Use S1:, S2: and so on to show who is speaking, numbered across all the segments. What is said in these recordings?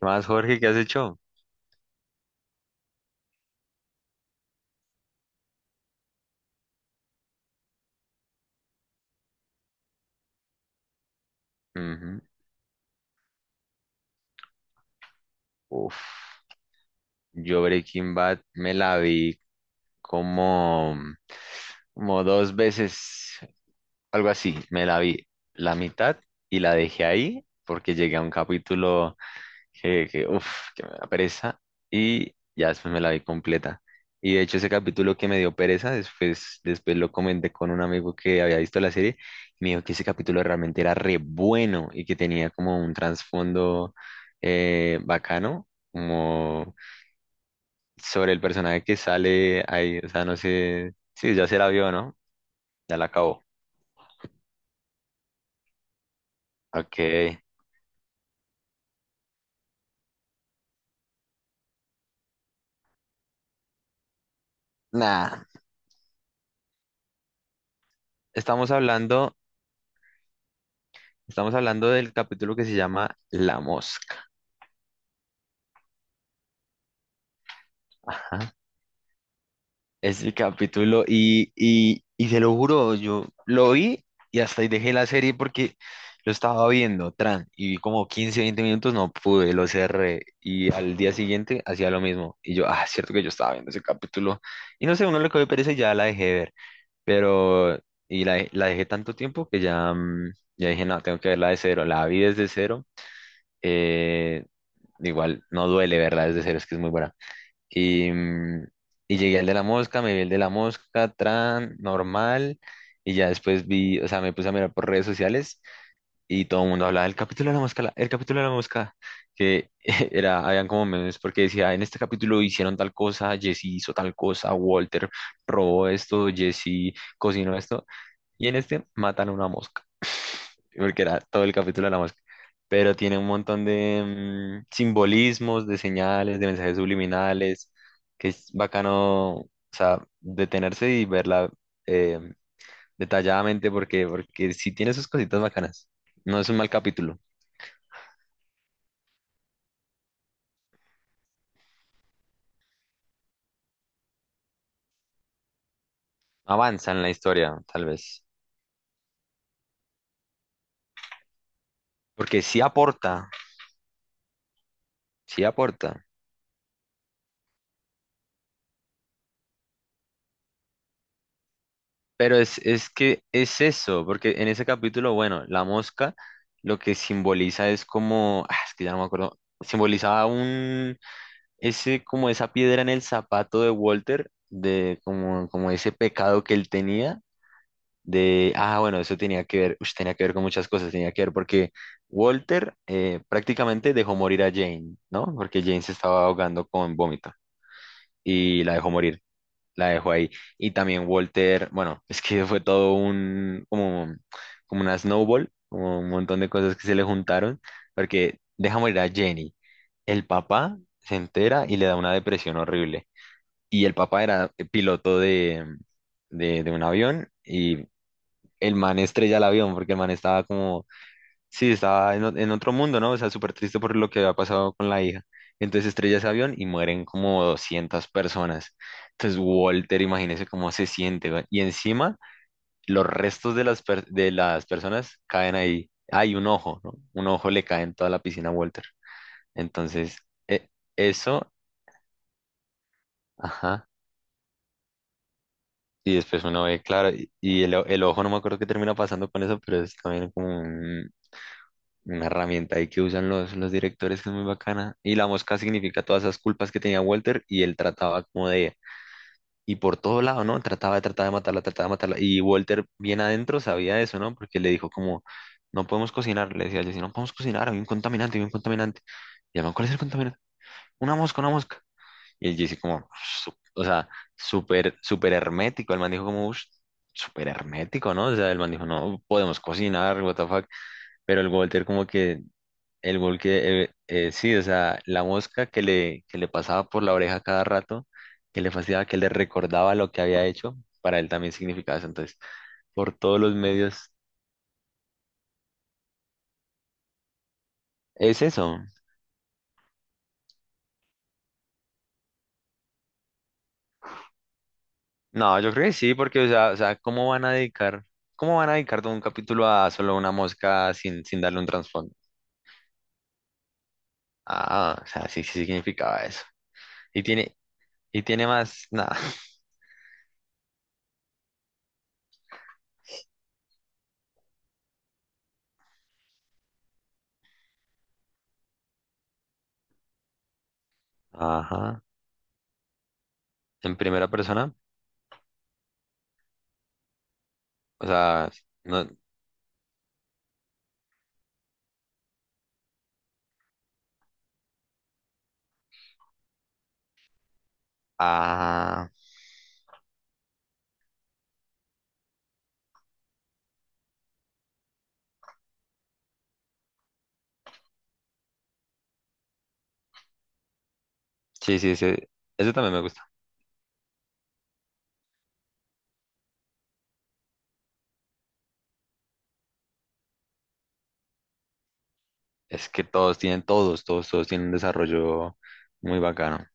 S1: ¿Qué más, Jorge? ¿Qué has hecho? Ujú. Uf, yo Breaking Bad me la vi como, como dos veces, algo así. Me la vi la mitad y la dejé ahí porque llegué a un capítulo. Que, uf, que me da pereza y ya después me la vi completa. Y de hecho ese capítulo que me dio pereza, después lo comenté con un amigo que había visto la serie y me dijo que ese capítulo realmente era re bueno y que tenía como un trasfondo bacano, como sobre el personaje que sale ahí, o sea, no sé, sí, ya se la vio, ¿no? Ya la acabó. Ok, nada, estamos hablando, estamos hablando del capítulo que se llama La Mosca. Ajá. Ese capítulo y se lo juro, yo lo vi y hasta ahí dejé la serie porque lo estaba viendo, tran, y vi como 15 20 minutos, no pude, lo cerré y al día siguiente hacía lo mismo. Y yo, ah, es cierto que yo estaba viendo ese capítulo y no sé, uno le cogió pereza y ya la dejé de ver, pero y la dejé tanto tiempo que ya, ya dije, no, tengo que verla de cero, la vi desde cero, eh, igual no duele verla desde cero, es que es muy buena. Y, mm, y llegué al de la mosca, me vi el de la mosca, tran, normal. Y ya después vi, o sea, me puse a mirar por redes sociales y todo el mundo hablaba del capítulo de la mosca, el capítulo de la mosca, que era, habían como memes porque decía, en este capítulo hicieron tal cosa, Jesse hizo tal cosa, Walter robó esto, Jesse cocinó esto, y en este matan a una mosca porque era todo el capítulo de la mosca. Pero tiene un montón de simbolismos, de señales, de mensajes subliminales, que es bacano, o sea, detenerse y verla eh, detalladamente porque, porque sí tiene sus cositas bacanas. No es un mal capítulo. Avanza en la historia, tal vez. Porque sí aporta, sí aporta. Pero es que es eso, porque en ese capítulo, bueno, la mosca lo que simboliza es como, ah, es que ya no me acuerdo, simbolizaba ese, como esa piedra en el zapato de Walter, de como ese pecado que él tenía, de, ah, bueno, eso tenía que ver, ush, tenía que ver con muchas cosas, tenía que ver porque Walter prácticamente dejó morir a Jane, ¿no? Porque Jane se estaba ahogando con vómito y la dejó morir la dejo ahí. Y también Walter, bueno, es que fue todo un, como, como una snowball, como un montón de cosas que se le juntaron, porque deja morir a Jenny. El papá se entera y le da una depresión horrible. Y el papá era piloto de un avión y el man estrella el avión porque el man estaba como sí, estaba en, en otro mundo, ¿no? O sea, súper triste por lo que había pasado con la hija. Entonces estrella ese avión y mueren como 200 personas. Entonces Walter, imagínese cómo se siente, ¿va? Y encima los restos de las personas caen ahí. Hay un ojo, ¿no? Un ojo le cae en toda la piscina a Walter. Entonces, e- eso, ajá. Y después uno ve, claro, y el ojo, no me acuerdo qué termina pasando con eso, pero es también como un, una herramienta ahí que usan los directores que es muy bacana. Y la mosca significa todas esas culpas que tenía Walter y él trataba como de. Y por todo lado, ¿no? Trataba de matarla, trataba de matarla. Y Walter bien adentro sabía eso, ¿no? Porque le dijo como, no podemos cocinar. Le decía, Jesse, no podemos cocinar, hay un contaminante, hay un contaminante. Y además, ¿cuál es el contaminante? Una mosca, una mosca. Y el Jesse como, o sea, súper, súper hermético. El man dijo como, "Ush, súper hermético, ¿no? O sea, el man dijo, no, podemos cocinar, what the fuck. Pero el Walter como que el gol que, sí, o sea, la mosca que le pasaba por la oreja cada rato, que le fascinaba, que le recordaba lo que había hecho, para él también significaba eso. Entonces, por todos los medios, ¿es eso? No, yo creo que sí, porque, o sea, ¿cómo van a dedicar todo un capítulo a solo una mosca sin darle un trasfondo? Ah, o sea, sí, sí significaba eso. Y tiene, y tiene más, nada. Ajá, en primera persona, o sea, no, ah, sí, sí, sí, eso también me gusta. Es que todos tienen un desarrollo muy bacano.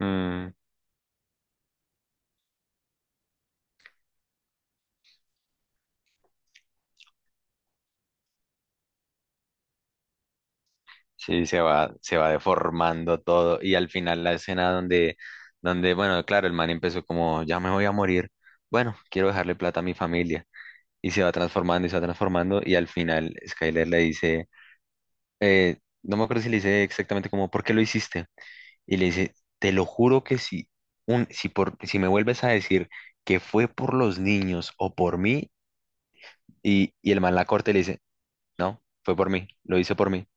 S1: Mm, sí, se va deformando todo. Y al final la escena donde, bueno, claro, el man empezó como, ya me voy a morir. Bueno, quiero dejarle plata a mi familia. Y se va transformando y se va transformando. Y al final Skyler le dice, eh, no me acuerdo si le dice exactamente como, ¿por qué lo hiciste? Y le dice, te lo juro que si, un, si, por, si me vuelves a decir que fue por los niños o por mí, y el man la corta y le dice, no, fue por mí, lo hice por mí.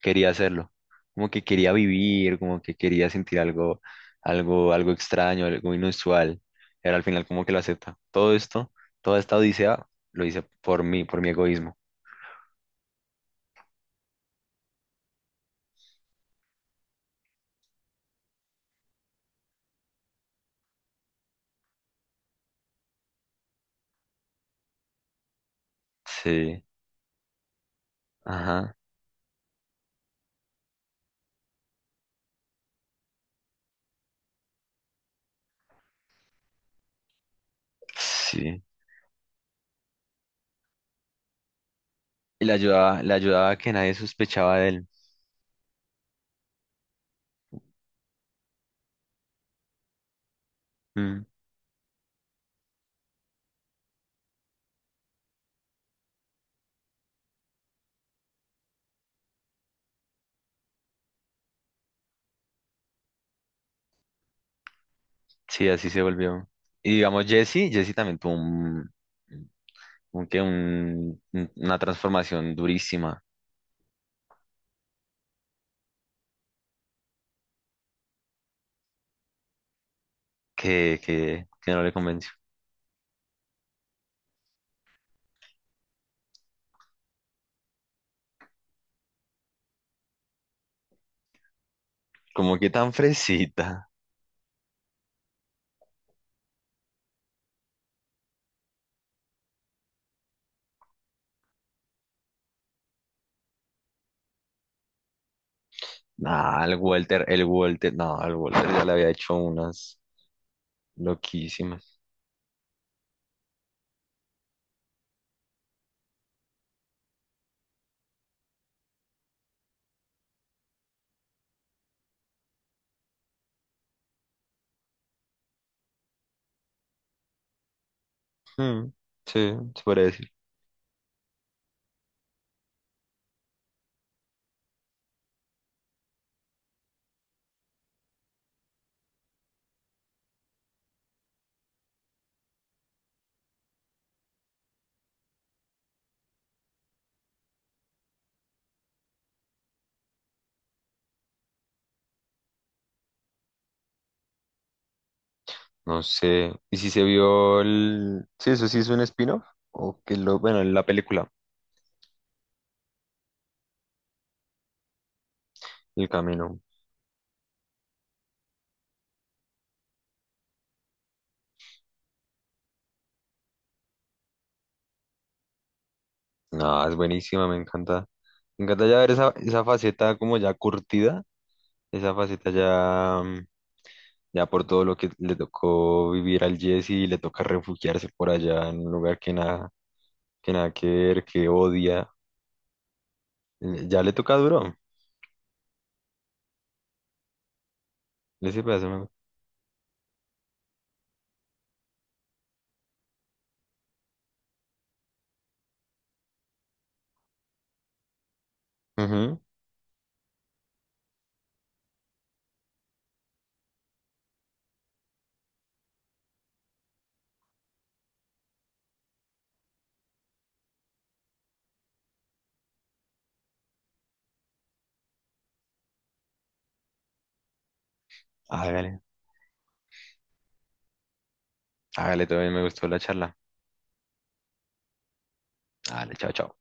S1: Quería hacerlo. Como que quería vivir, como que quería sentir algo, algo extraño, algo inusual. Era al final como que lo acepta. Todo esto, toda esta odisea, lo hice por mí, por mi egoísmo. Sí, ajá, sí. Y le ayudaba a que nadie sospechaba de él. Mm, sí, así se volvió. Y digamos, Jesse también tuvo un, una transformación durísima que no le convenció. Como que tan fresita. Nah, el Walter, no, el Walter ya le había hecho unas loquísimas. Hmm, sí, se puede decir. No sé. ¿Y si se vio el? Sí, eso sí es un spin-off. O que lo. Bueno, la película, El Camino. No, es buenísima, me encanta. Me encanta ya ver esa, esa faceta como ya curtida, esa faceta ya por todo lo que le tocó vivir al Jesse y le toca refugiarse por allá en un lugar que nada que ver, que odia. Ya le toca duro. Le sirve eso. Ujú. Hágale, hágale, todo bien. Me gustó la charla. Hágale, chao, chao.